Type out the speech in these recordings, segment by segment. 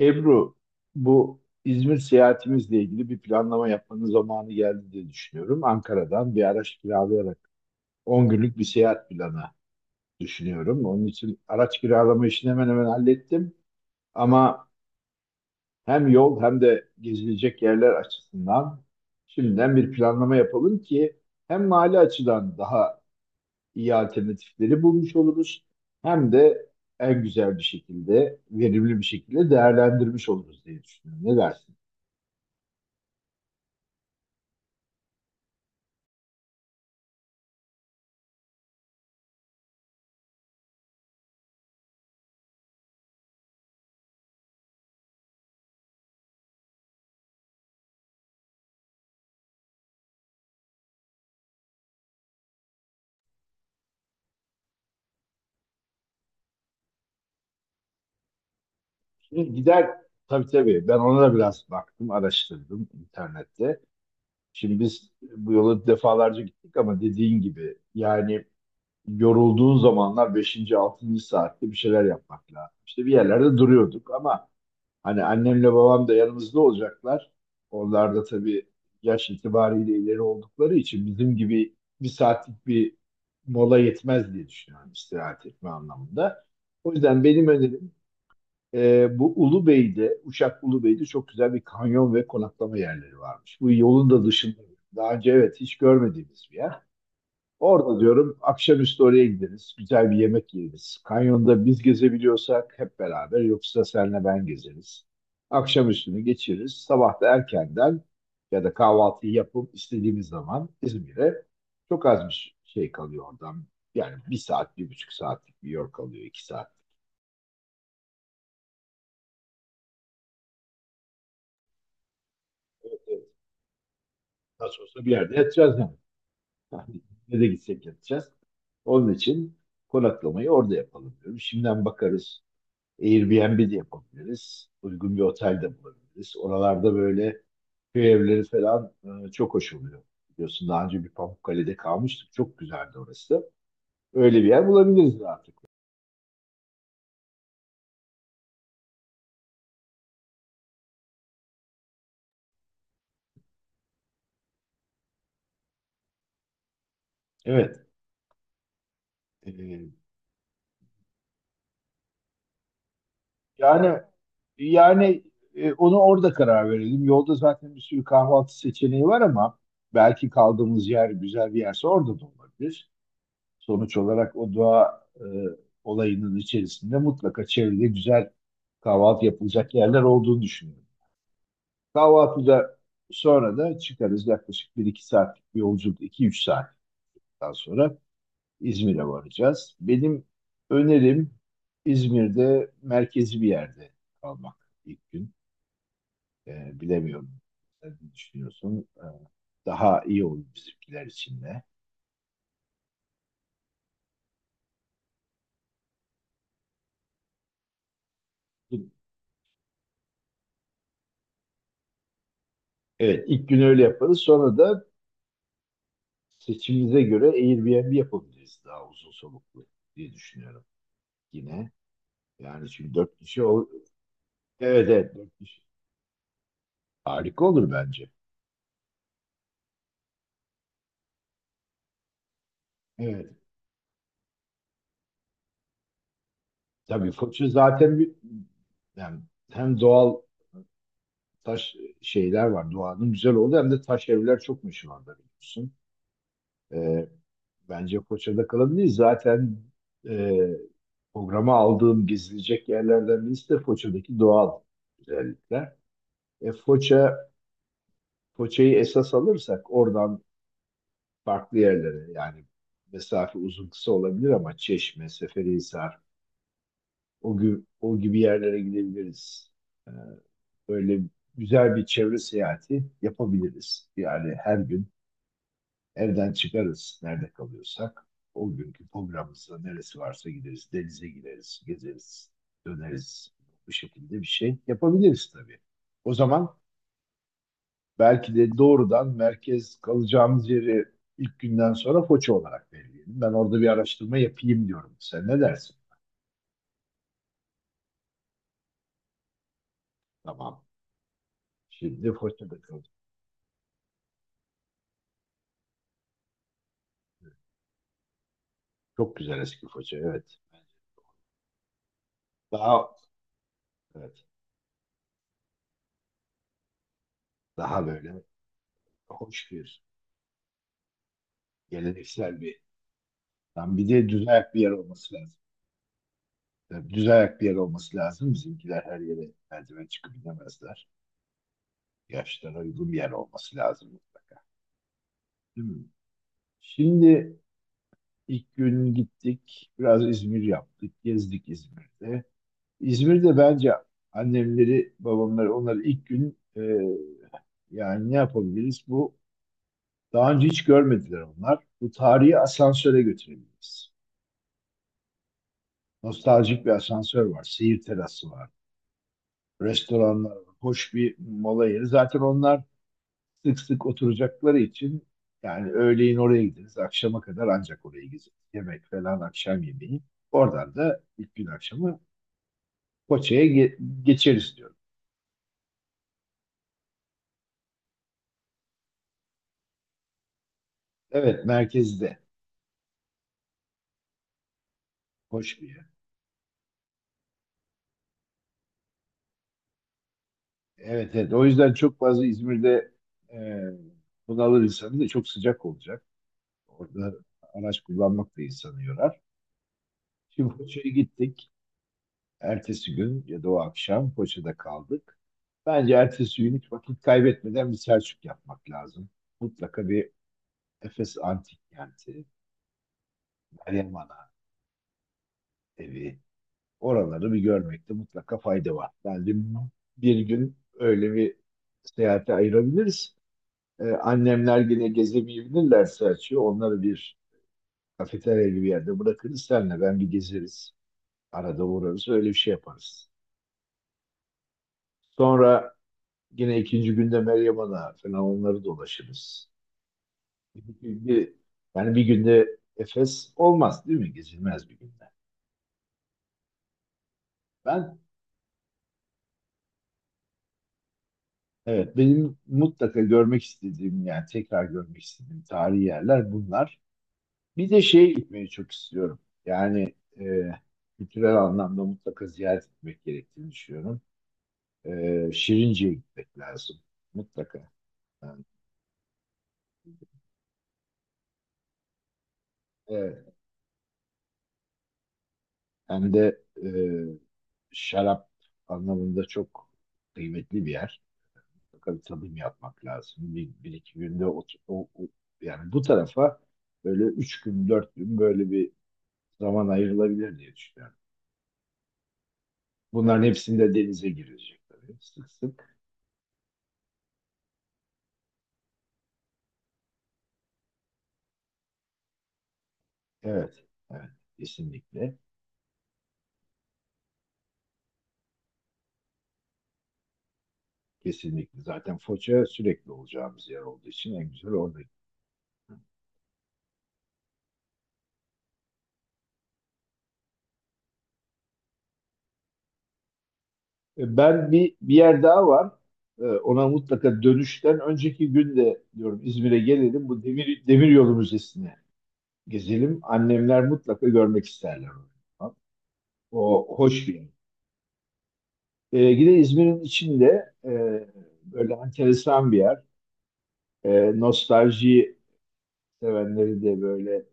Ebru, bu İzmir seyahatimizle ilgili bir planlama yapmanın zamanı geldi diye düşünüyorum. Ankara'dan bir araç kiralayarak 10 günlük bir seyahat planı düşünüyorum. Onun için araç kiralama işini hemen hemen hallettim. Ama hem yol hem de gezilecek yerler açısından şimdiden bir planlama yapalım ki hem mali açıdan daha iyi alternatifleri bulmuş oluruz hem de en güzel bir şekilde, verimli bir şekilde değerlendirmiş oluruz diye düşünüyorum. Ne dersin? Şimdi tabii tabii ben ona da biraz baktım, araştırdım internette. Şimdi biz bu yola defalarca gittik ama dediğin gibi yani yorulduğun zamanlar beşinci altıncı saatte bir şeyler yapmak lazım. İşte bir yerlerde duruyorduk ama hani annemle babam da yanımızda olacaklar. Onlar da tabii yaş itibariyle ileri oldukları için bizim gibi bir saatlik bir mola yetmez diye düşünüyorum istirahat etme anlamında. O yüzden benim önerim, bu Ulubey'de, Uşak Ulubey'de çok güzel bir kanyon ve konaklama yerleri varmış. Bu yolun da dışında. Daha önce, evet, hiç görmediğimiz bir yer. Orada diyorum akşamüstü oraya gideriz. Güzel bir yemek yeriz. Kanyonda biz gezebiliyorsak hep beraber, yoksa senle ben gezeriz. Akşamüstünü geçiririz. Sabah da erkenden ya da kahvaltıyı yapıp istediğimiz zaman İzmir'e, çok az bir şey kalıyor oradan. Yani bir saat, 1,5 saatlik bir yol kalıyor, 2 saat. Evet, evet. Nasıl olsa bir yerde yatacağız yani. Yani ne de gitsek yatacağız. Onun için konaklamayı orada yapalım diyorum. Şimdiden bakarız. Airbnb de yapabiliriz. Uygun bir otel de bulabiliriz. Oralarda böyle köy evleri falan çok hoş oluyor. Biliyorsun daha önce bir Pamukkale'de kalmıştık. Çok güzeldi orası da. Öyle bir yer bulabiliriz artık. Evet. E, yani yani Onu orada karar verelim. Yolda zaten bir sürü kahvaltı seçeneği var ama belki kaldığımız yer güzel bir yerse orada da olabilir. Sonuç olarak o doğa olayının içerisinde mutlaka çevrede güzel kahvaltı yapılacak yerler olduğunu düşünüyorum. Kahvaltıda sonra da çıkarız, yaklaşık 1-2 saatlik bir yolculuk, 2-3 saatten sonra İzmir'e varacağız. Benim önerim İzmir'de merkezi bir yerde kalmak ilk gün. Bilemiyorum, sen ne düşünüyorsun. Daha iyi olur bizimkiler için de. Evet, ilk gün öyle yaparız. Sonra da seçimimize göre Airbnb yapabiliriz daha uzun soluklu diye düşünüyorum yine. Yani çünkü dört kişi o, evet evet, dört kişi. Harika olur bence. Evet. Tabii Foç'u zaten bir, yani hem doğal taş şeyler var. Doğanın güzel oldu, hem de taş evler çok meşhur orada biliyorsun. Ee, Bence Foça'da kalabiliriz. Zaten e, programa aldığım gezilecek yerlerden birisi de Foça'daki doğal güzellikler. E, Foça Foça'yı esas alırsak oradan farklı yerlere, yani mesafe uzun kısa olabilir ama Çeşme, Seferihisar, o gibi, o gibi yerlere gidebiliriz. Ee, Öyle güzel bir çevre seyahati yapabiliriz. Yani her gün evden çıkarız nerede kalıyorsak. O günkü programımızda neresi varsa gideriz, denize gireriz, gezeriz, döneriz. Bu şekilde bir şey yapabiliriz tabii. O zaman belki de doğrudan merkez kalacağımız yeri, ilk günden sonra Foça olarak belirleyelim. Ben orada bir araştırma yapayım diyorum. Sen ne dersin? Tamam. Şimdi Foça'da kalacağız. Çok güzel eski Foça, evet. Daha, evet, daha böyle hoş bir, geleneksel bir. Tam bir de düz ayak bir yer olması lazım. Tabii düz ayak bir yer olması lazım. Bizimkiler her yere merdiven çıkıp inemezler. Yaşlara uygun bir yer olması lazım mutlaka. Değil mi? Şimdi İlk gün gittik, biraz İzmir yaptık, gezdik İzmir'de. İzmir'de bence annemleri, babamları, onları ilk gün, yani ne yapabiliriz? Bu daha önce hiç görmediler onlar. Bu tarihi asansöre götürebiliriz. Nostaljik bir asansör var, seyir terası var, restoranlar var, hoş bir mola yeri. Zaten onlar sık sık oturacakları için, yani öğleyin oraya gideriz, akşama kadar ancak oraya gezeriz. Yemek falan, akşam yemeği. Oradan da ilk gün akşamı Foça'ya geçeriz diyorum. Evet, merkezde. Hoş bir yer. Evet, evet. O yüzden çok fazla İzmir'de, e, bunalır insanı, da çok sıcak olacak. Orada araç kullanmak da insanı yorar. Şimdi Foça'ya gittik. Ertesi gün ya da o akşam Foça'da kaldık. Bence ertesi gün hiç vakit kaybetmeden bir Selçuk yapmak lazım. Mutlaka bir Efes Antik Kenti, Meryem Ana evi. Oraları bir görmekte mutlaka fayda var. Bence bir gün öyle bir seyahate ayırabiliriz. Annemler yine gezemeyebilirlerse açıyor. Onları bir kafeterya gibi yerde bırakırız. Senle ben bir gezeriz. Arada uğrarız. Öyle bir şey yaparız. Sonra yine ikinci günde Meryem Ana falan onları dolaşırız. Bir, bir- Yani bir günde Efes olmaz değil mi? Gezilmez bir günde. Ben Evet, benim mutlaka görmek istediğim, yani tekrar görmek istediğim tarihi yerler bunlar. Bir de şeye gitmeyi çok istiyorum. Yani e, kültürel anlamda mutlaka ziyaret etmek gerektiğini düşünüyorum. Şirince'ye gitmek lazım mutlaka. Yani, evet, hem de şarap anlamında çok kıymetli bir yer. Mutlaka bir tadım yapmak lazım. Bir iki günde yani bu tarafa böyle üç gün dört gün böyle bir zaman ayrılabilir diye düşünüyorum. Bunların hepsinde denize girecek tabii sık sık. Evet, evet, kesinlikle. Kesinlikle. Zaten Foça sürekli olacağımız yer olduğu için en güzel orada. Ben bir, bir yer daha var. Ona mutlaka dönüşten önceki gün de diyorum İzmir'e gelelim. Bu Demiryolu Müzesi'ne gezelim. Annemler mutlaka görmek isterler onu. Tamam. O hoş bir yer. Yine İzmir'in içinde, böyle enteresan bir yer, nostalji sevenleri de böyle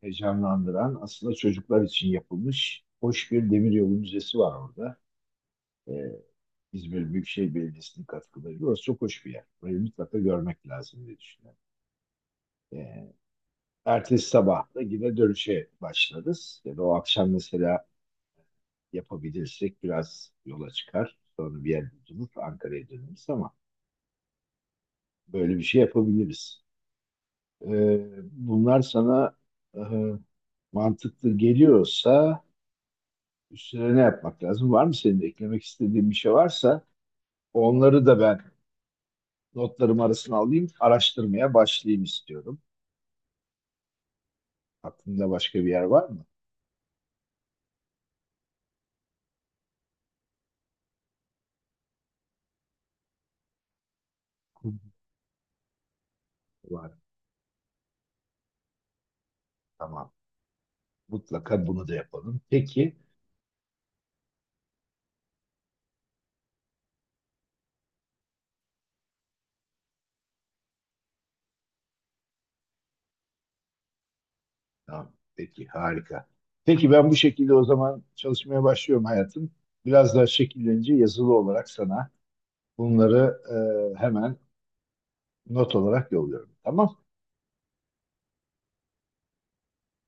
heyecanlandıran, aslında çocuklar için yapılmış hoş bir demiryolu müzesi var orada. Ee, İzmir Büyükşehir Belediyesi'nin katkılarıyla. Orası çok hoş bir yer. Burayı mutlaka görmek lazım diye düşünüyorum. Ee, Ertesi sabah da yine dönüşe başlarız. Ya da o akşam mesela yapabilirsek biraz yola çıkar. Sonra bir yer bulup Ankara'ya döneriz ama böyle bir şey yapabiliriz. Ee, Bunlar sana, e, mantıklı geliyorsa üstüne ne yapmak lazım? Var mı, senin de eklemek istediğin bir şey varsa onları da ben notlarım arasına alayım, araştırmaya başlayayım istiyorum. Aklında başka bir yer var mı? Hı hı. Var. Tamam. Mutlaka bunu da yapalım. Peki. Tamam. Peki. Harika. Peki ben bu şekilde o zaman çalışmaya başlıyorum hayatım. Biraz daha şekillenince yazılı olarak sana bunları, hemen not olarak yolluyorum. Tamam.